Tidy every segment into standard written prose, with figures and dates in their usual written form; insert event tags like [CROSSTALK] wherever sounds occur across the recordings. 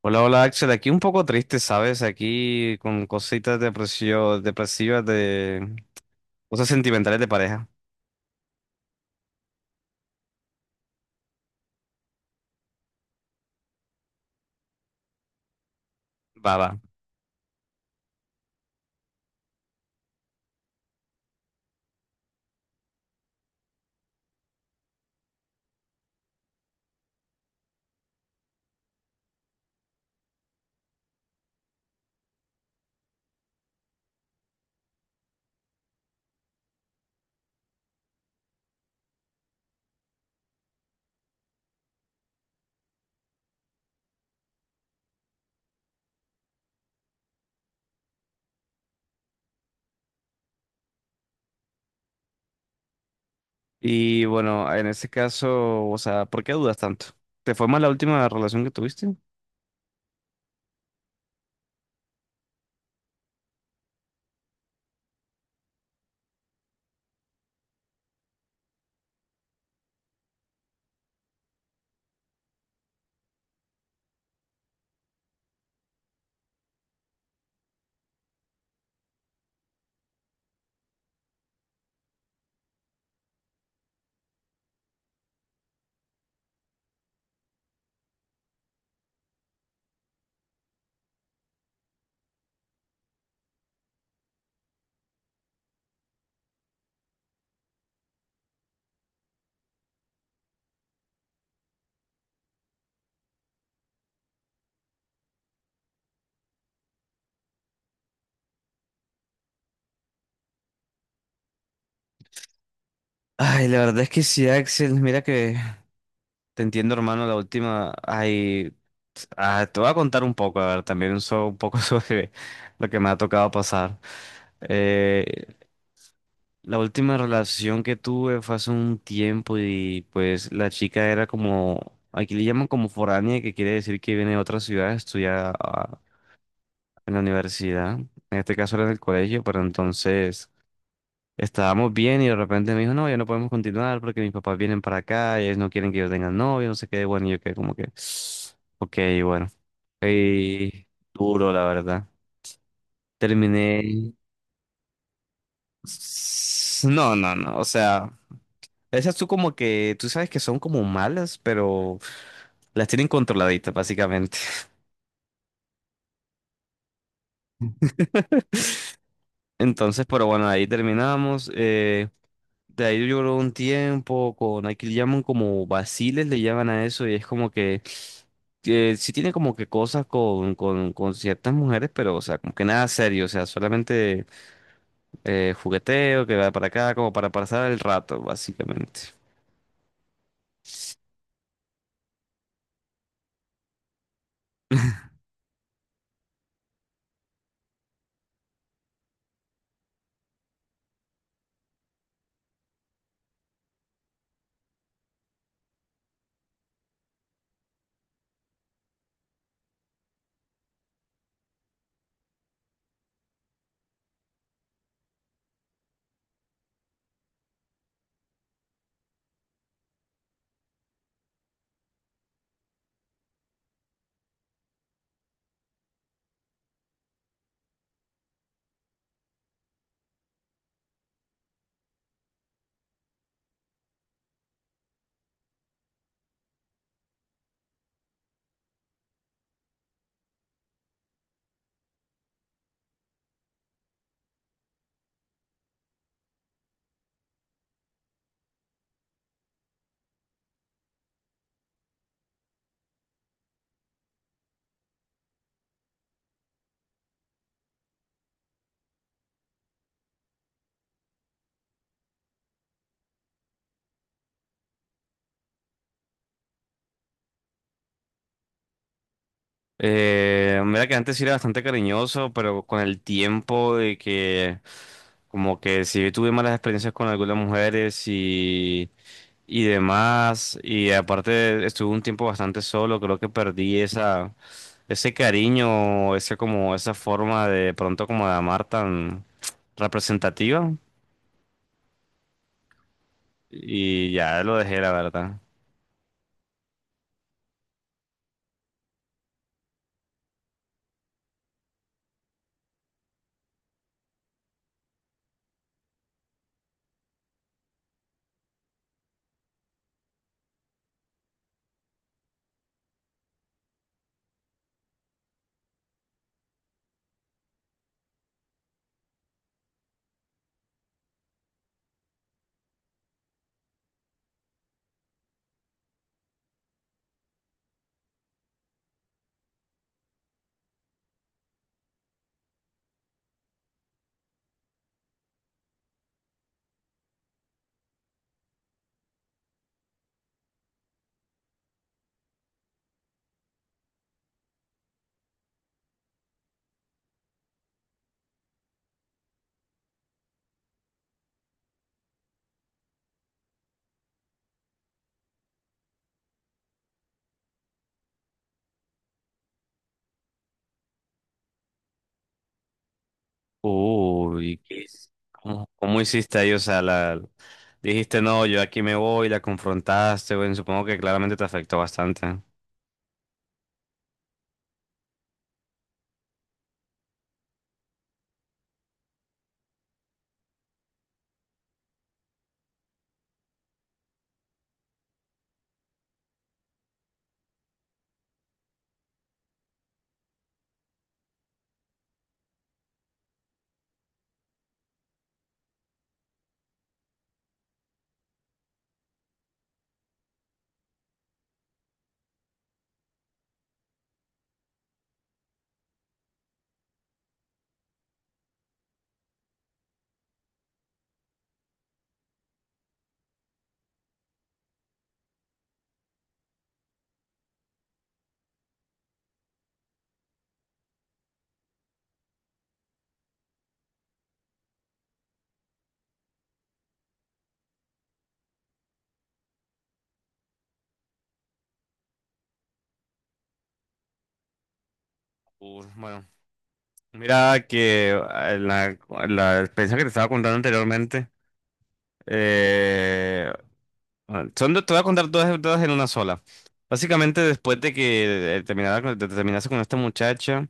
Hola, hola Axel, aquí un poco triste, ¿sabes? Aquí con cositas depresivas de cosas sentimentales de pareja. Va, va. Y bueno, en este caso, o sea, ¿por qué dudas tanto? ¿Te fue mal la última relación que tuviste? Ay, la verdad es que sí, Axel, mira que te entiendo, hermano, la última. Ay, te voy a contar un poco, a ver, también un poco [LAUGHS] sobre lo que me ha tocado pasar. La última relación que tuve fue hace un tiempo y pues la chica era como, aquí le llaman como foránea, que quiere decir que viene de otra ciudad, estudia en la universidad, en este caso era en el colegio, pero entonces estábamos bien y de repente me dijo, no, ya no podemos continuar porque mis papás vienen para acá, y ellos no quieren que yo tenga novio, no sé qué, bueno, y yo quedé como que, [SNIFFS] [SIGHS] ok, bueno, y duro la verdad. Terminé, no, no, no, o sea... Esas tú como que, tú sabes que son como malas, pero las tienen controladitas básicamente. [LAUGHS] Entonces, pero bueno, ahí terminamos. De ahí lloró un tiempo con, aquí le llaman como vaciles, le llaman a eso, y es como que sí tiene como que cosas con, con ciertas mujeres, pero o sea, como que nada serio, o sea, solamente jugueteo que va para acá, como para pasar el rato, básicamente. Mira que antes sí era bastante cariñoso, pero con el tiempo de que como que sí tuve malas experiencias con algunas mujeres y demás, y aparte estuve un tiempo bastante solo, creo que perdí esa, ese cariño, ese como, esa forma de pronto como de amar tan representativa, y ya lo dejé, la verdad. Uy, ¿qué- es? ¿Cómo, cómo hiciste ahí? O sea, dijiste, no, yo aquí me voy, la confrontaste, bueno, supongo que claramente te afectó bastante. Bueno, mira que la experiencia que te estaba contando anteriormente, eh, bueno, son, te voy a contar todas, todas en una sola. Básicamente, después de que te terminaste con esta muchacha.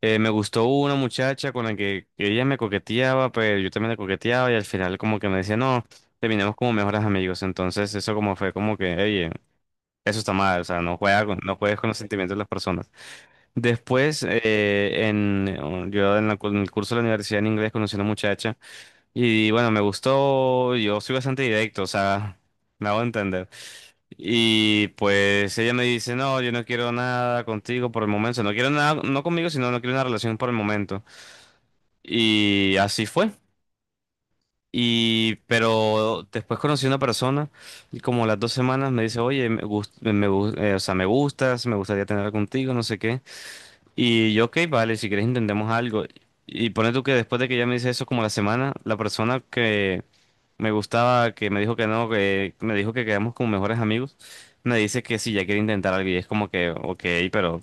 Me gustó una muchacha con la que ella me coqueteaba, pero yo también le coqueteaba y al final como que me decía, no, terminemos como mejores amigos. Entonces eso como fue como que, oye, eso está mal, o sea, no juegues con los sentimientos de las personas. Después, en, yo en, en el curso de la universidad en inglés conocí a una muchacha y bueno, me gustó, yo soy bastante directo, o sea, [LAUGHS] me hago entender. Y pues ella me dice, no, yo no quiero nada contigo por el momento, o sea, no quiero nada, no conmigo, sino no quiero una relación por el momento. Y así fue. Y pero después conocí una persona y como a las dos semanas me dice, oye, me gust- me gu- o sea, me gustas, me gustaría tener contigo, no sé qué. Y yo, ok, vale, si quieres intentemos algo. Y pone tú que después de que ella me dice eso como a la semana, la persona que me gustaba, que me dijo que no, que me dijo que quedamos como mejores amigos, me dice que si ya quiere intentar algo y es como que, ok, pero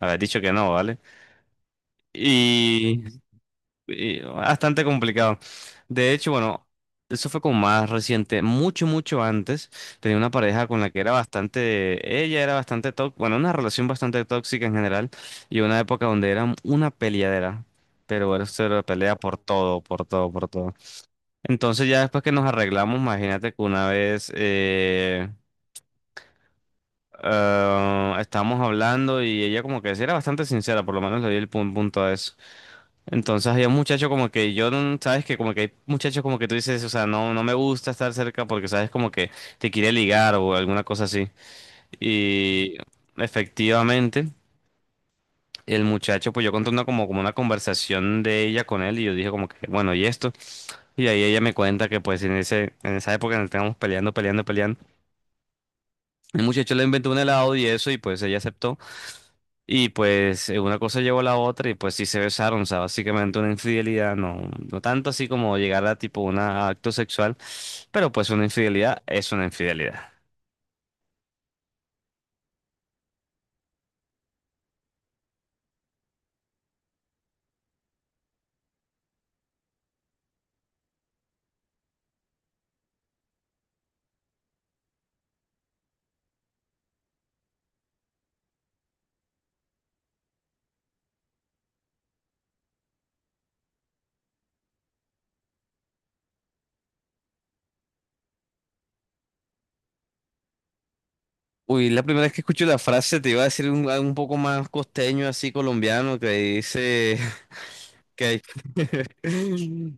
haber dicho que no, ¿vale? Y bastante complicado. De hecho, bueno, eso fue como más reciente, mucho, mucho antes. Tenía una pareja con la que era bastante, ella era bastante tóxica, bueno, una relación bastante tóxica en general, y una época donde era una peleadera. Pero era cero de pelea por todo, por todo, por todo. Entonces ya después que nos arreglamos, imagínate que una vez estábamos hablando y ella como que sí era bastante sincera, por lo menos le di el punto a eso. Entonces había un muchacho como que yo, sabes que como que hay muchachos como que tú dices, o sea, no, no me gusta estar cerca porque sabes como que te quiere ligar o alguna cosa así. Y efectivamente, el muchacho, pues yo conté una, como, como una conversación de ella con él y yo dije como que, bueno, ¿y esto? Y ahí ella me cuenta que pues en ese, en esa época nos estábamos peleando, peleando, peleando. El muchacho le inventó un helado y eso, y pues ella aceptó. Y pues una cosa llevó a la otra y pues sí se besaron, o sea, básicamente una infidelidad, no, no tanto así como llegar a tipo un acto sexual, pero pues una infidelidad es una infidelidad. Uy, la primera vez que escucho la frase te iba a decir un poco más costeño, así colombiano, que dice [LAUGHS] que hay,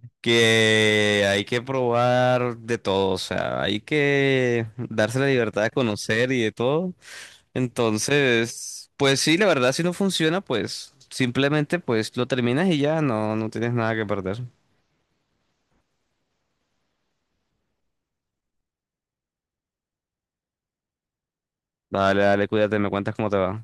[LAUGHS] que hay que probar de todo, o sea, hay que darse la libertad de conocer y de todo. Entonces, pues sí, la verdad, si no funciona, pues simplemente pues lo terminas y ya no, no tienes nada que perder. Dale, dale, cuídate, me cuentas cómo te va.